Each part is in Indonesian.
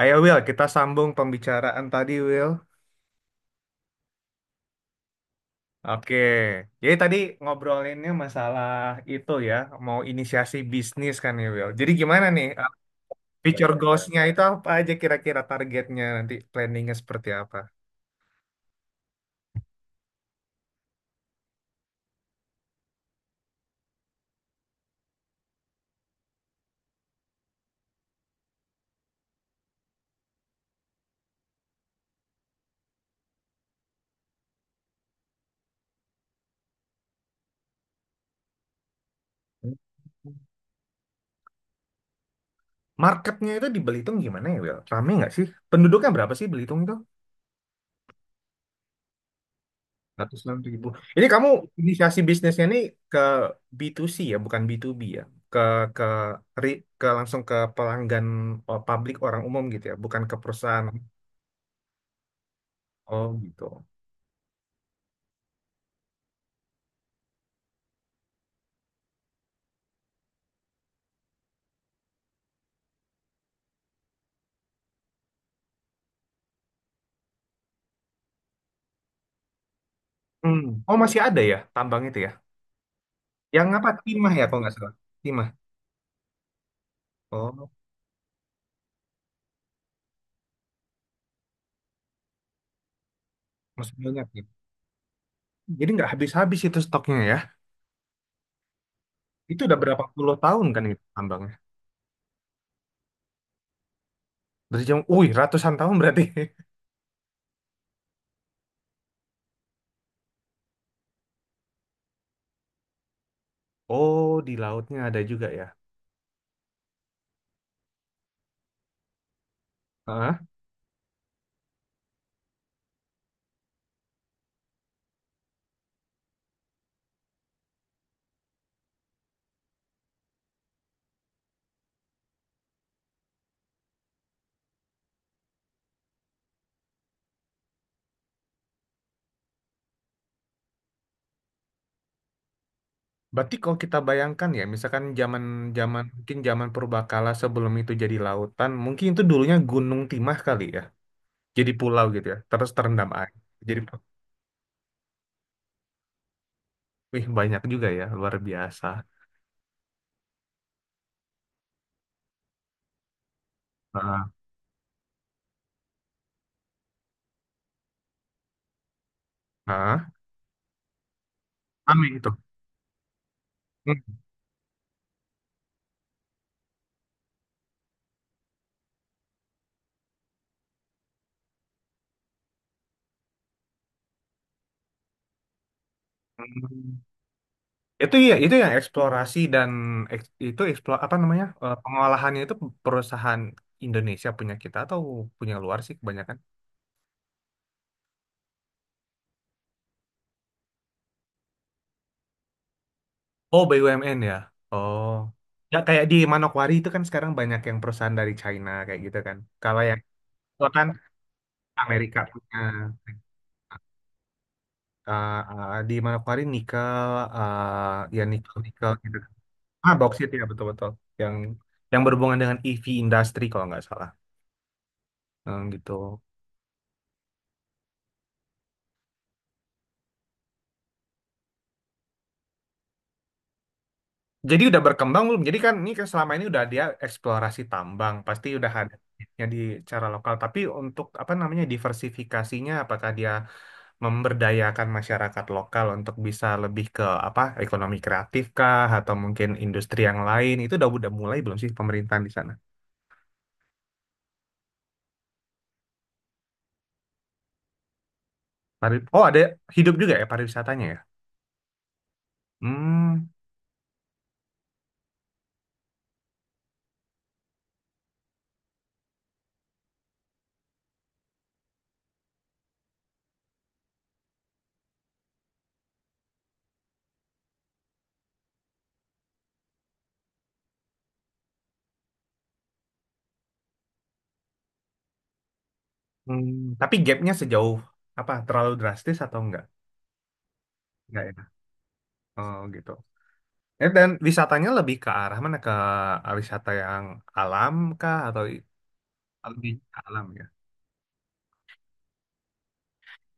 Ayo Will, kita sambung pembicaraan tadi Will. Oke, jadi tadi ngobrolinnya masalah itu ya, mau inisiasi bisnis kan ya Will. Jadi gimana nih, future goals-nya itu apa aja kira-kira targetnya nanti planningnya seperti apa? Marketnya itu di Belitung gimana ya Will? Rame nggak sih? Penduduknya berapa sih Belitung itu? 160 ribu. Ini kamu inisiasi bisnisnya nih ke B2C ya, bukan B2B ya. Ke ke ke langsung ke pelanggan, oh, publik orang umum gitu ya, bukan ke perusahaan. Oh gitu. Hmm. Oh masih ada ya tambang itu ya. Yang apa timah ya kalau nggak salah. Timah. Oh masih banyak ya. Jadi nggak habis-habis itu stoknya ya. Itu udah berapa puluh tahun kan itu tambangnya. Wih ratusan tahun berarti. Oh di lautnya ada juga ya. Berarti kalau kita bayangkan ya, misalkan zaman zaman mungkin zaman purbakala sebelum itu jadi lautan, mungkin itu dulunya Gunung Timah kali ya, jadi pulau gitu ya, terus terendam air. Jadi, wih banyak juga ya, luar biasa. Ah, ah, Amin itu. Hmm. Itu ya, itu yang eksplorasi dan itu eksplor apa namanya, pengolahannya itu perusahaan Indonesia punya kita atau punya luar sih kebanyakan? Oh, BUMN ya. Oh. Ya kayak di Manokwari itu kan sekarang banyak yang perusahaan dari China kayak gitu kan. Kalau yang itu kan Amerika punya. Di Manokwari nikel, ya nikel nikel gitu, kan. Ah, boksit ya betul-betul yang yang berhubungan dengan EV industry kalau nggak salah. Hmm, gitu. Jadi udah berkembang belum? Jadi kan ini kan selama ini udah dia eksplorasi tambang, pasti udah ada ya di cara lokal. Tapi untuk apa namanya diversifikasinya, apakah dia memberdayakan masyarakat lokal untuk bisa lebih ke apa ekonomi kreatif kah atau mungkin industri yang lain itu udah mulai belum sih pemerintahan di sana? Oh, ada hidup juga ya pariwisatanya ya? Hmm, hmm. Tapi gapnya sejauh apa, terlalu drastis atau enggak? Enggak ya? Oh gitu. Dan wisatanya lebih ke arah mana, ke wisata yang alam kah atau lebih ke alam ya?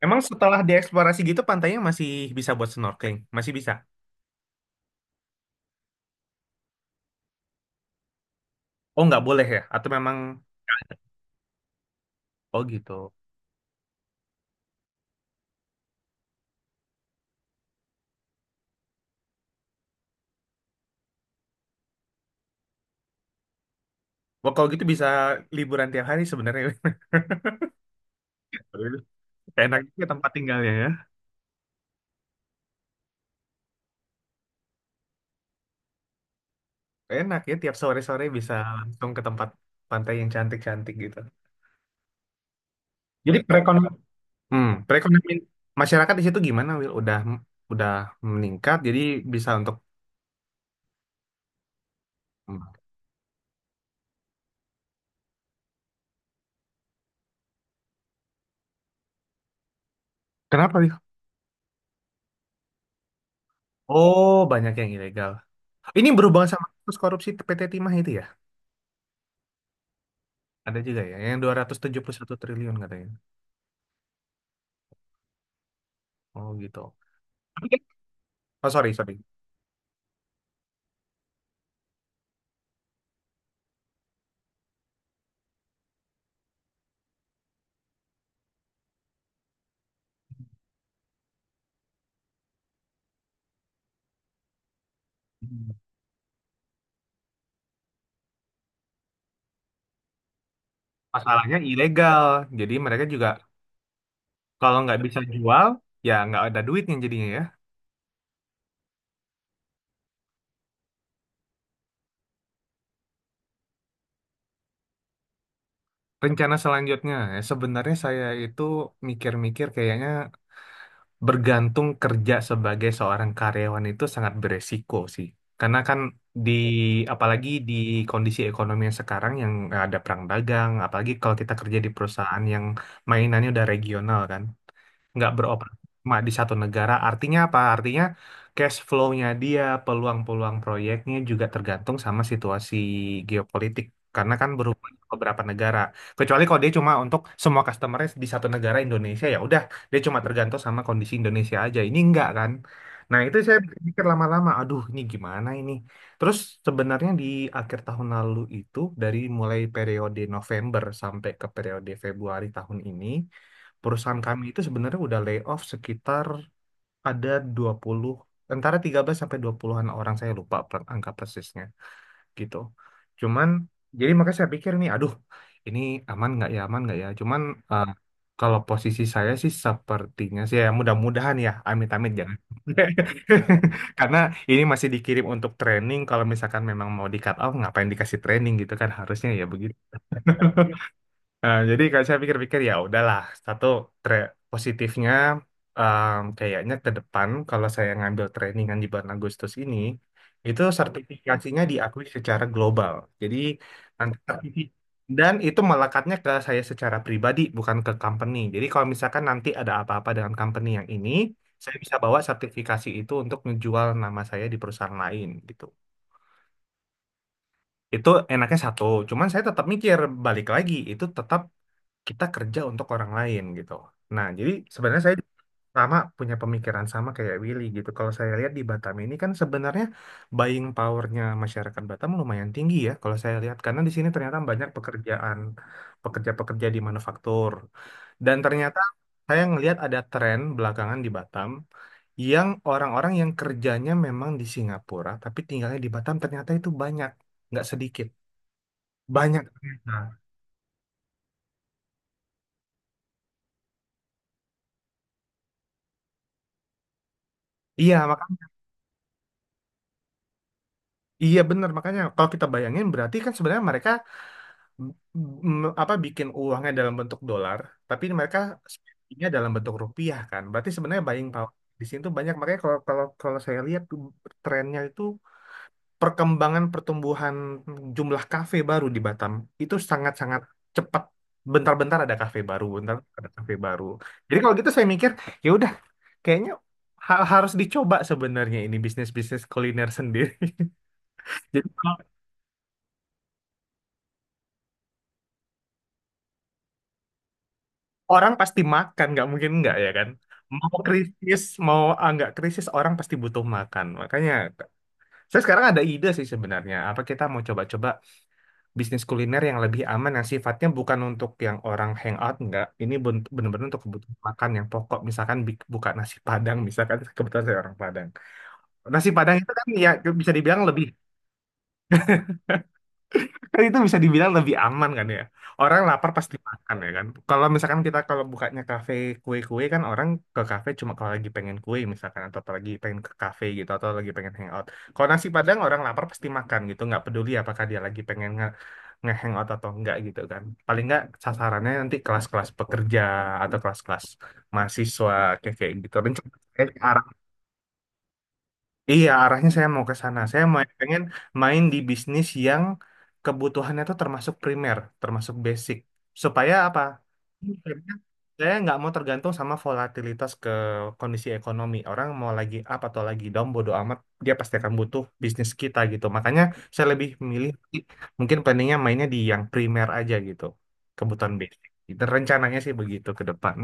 Emang setelah dieksplorasi gitu pantainya masih bisa buat snorkeling? Masih bisa? Oh nggak boleh ya? Atau memang. Oh gitu. Wah, kalau gitu bisa liburan tiap hari sebenarnya. Enak juga tempat tinggalnya ya. Enak ya, tiap sore-sore bisa langsung ke tempat pantai yang cantik-cantik gitu. Jadi perekonomian, hmm, perekonomian masyarakat di situ gimana, Will? Udah meningkat, jadi bisa untuk hmm. Kenapa, Will? Oh, banyak yang ilegal. Ini berhubungan sama kasus korupsi PT Timah itu ya? Ada juga ya, yang 271 triliun katanya. Oh gitu. Tapi kan- Oh, sorry, sorry. Hmm. Masalahnya ilegal, jadi mereka juga. Kalau nggak bisa jual, ya nggak ada duitnya jadinya ya. Rencana selanjutnya, ya sebenarnya saya itu mikir-mikir kayaknya bergantung kerja sebagai seorang karyawan itu sangat beresiko sih. Karena kan di apalagi di kondisi ekonomi yang sekarang, yang ada perang dagang, apalagi kalau kita kerja di perusahaan yang mainannya udah regional kan. Nggak beroperasi cuma di satu negara. Artinya apa? Artinya cash flow-nya dia, peluang-peluang proyeknya juga tergantung sama situasi geopolitik. Karena kan berhubungan ke beberapa negara. Kecuali kalau dia cuma untuk semua customer-nya di satu negara Indonesia, ya udah dia cuma tergantung sama kondisi Indonesia aja. Ini enggak kan? Nah, itu saya pikir lama-lama, aduh ini gimana ini? Terus sebenarnya di akhir tahun lalu itu dari mulai periode November sampai ke periode Februari tahun ini, perusahaan kami itu sebenarnya udah layoff sekitar ada 20 antara 13 sampai 20-an orang, saya lupa angka persisnya gitu. Cuman, jadi makanya saya pikir nih, aduh, ini aman nggak ya, aman nggak ya. Cuman, eh, kalau posisi saya sih sepertinya sih, ya mudah-mudahan ya, amit-amit jangan. Karena ini masih dikirim untuk training, kalau misalkan memang mau di cut off, ngapain dikasih training gitu kan, harusnya ya begitu. Nah, jadi kalau saya pikir-pikir ya udahlah. Satu, positifnya, kayaknya ke depan kalau saya ngambil trainingan di bulan Agustus ini, itu sertifikasinya diakui secara global. Jadi nanti sertifi- dan itu melekatnya ke saya secara pribadi bukan ke company. Jadi kalau misalkan nanti ada apa-apa dengan company yang ini, saya bisa bawa sertifikasi itu untuk ngejual nama saya di perusahaan lain gitu. Itu enaknya satu, cuman saya tetap mikir balik lagi itu tetap kita kerja untuk orang lain gitu. Nah, jadi sebenarnya saya sama punya pemikiran sama kayak Willy gitu. Kalau saya lihat di Batam ini kan sebenarnya buying powernya masyarakat Batam lumayan tinggi ya. Kalau saya lihat karena di sini ternyata banyak pekerja-pekerja di manufaktur, dan ternyata saya ngelihat ada tren belakangan di Batam, yang orang-orang yang kerjanya memang di Singapura tapi tinggalnya di Batam, ternyata itu banyak, nggak sedikit. Banyak ternyata. Iya, mak Iya benar, makanya kalau kita bayangin berarti kan sebenarnya mereka, apa, bikin uangnya dalam bentuk dolar tapi mereka spendingnya dalam bentuk rupiah, kan berarti sebenarnya buying power di sini tuh banyak, makanya kalau kalau kalau saya lihat tuh trennya itu, perkembangan pertumbuhan jumlah kafe baru di Batam itu sangat-sangat cepat, bentar-bentar ada kafe baru, bentar ada kafe baru. Jadi kalau gitu saya mikir ya udah, kayaknya harus dicoba sebenarnya ini bisnis-bisnis kuliner sendiri. Jadi orang pasti makan nggak mungkin nggak ya kan, mau krisis mau nggak krisis, orang pasti butuh makan, makanya saya sekarang ada ide sih sebenarnya apa kita mau coba-coba bisnis kuliner yang lebih aman, yang sifatnya bukan untuk yang orang hangout, nggak, ini bener-bener untuk kebutuhan makan yang pokok, misalkan buka nasi Padang misalkan. Kebetulan saya orang Padang, nasi Padang itu kan ya bisa dibilang lebih. Kan itu bisa dibilang lebih aman kan ya. Orang lapar pasti makan ya kan. Kalau misalkan kita kalau bukanya kafe kue-kue, kan orang ke kafe cuma kalau lagi pengen kue misalkan, atau lagi pengen ke kafe gitu, atau lagi pengen hangout. Kalau nasi Padang orang lapar pasti makan gitu, nggak peduli apakah dia lagi pengen nge-hangout atau enggak gitu kan. Paling nggak sasarannya nanti kelas-kelas pekerja atau kelas-kelas mahasiswa kayak kayak gitu. Rencana Iya, arahnya saya mau ke sana. Saya mau pengen main di bisnis yang kebutuhannya itu termasuk primer, termasuk basic. Supaya apa? Karena saya nggak mau tergantung sama volatilitas ke kondisi ekonomi. Orang mau lagi up atau lagi down, bodo amat, dia pasti akan butuh bisnis kita gitu. Makanya saya lebih milih mungkin planningnya mainnya di yang primer aja gitu, kebutuhan basic. Itu rencananya sih begitu ke depan.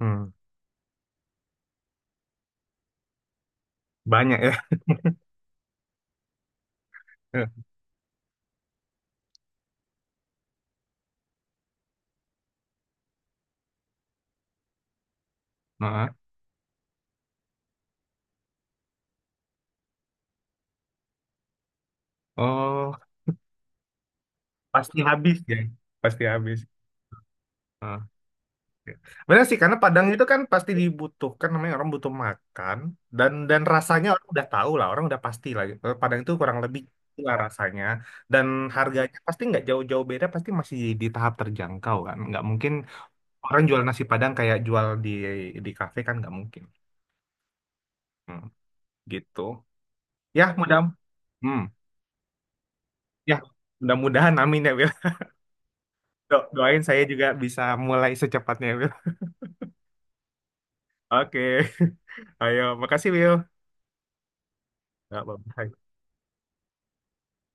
Hmm, banyak ya. Maaf. Oh. Pasti habis ya, pasti habis. Ah, oke. Benar sih, karena Padang itu kan pasti dibutuhkan, namanya orang butuh makan, dan rasanya orang udah tahu lah, orang udah pasti lah. Padang itu kurang lebih lah rasanya, dan harganya pasti nggak jauh-jauh beda, pasti masih di tahap terjangkau kan, nggak mungkin orang jual nasi Padang kayak jual di kafe kan, nggak mungkin. Hmm, gitu, ya hmm, ya mudah-mudahan amin ya Wil. Doain saya juga bisa mulai secepatnya Wil. Oke, ayo, makasih Will. Nggak apa-apa.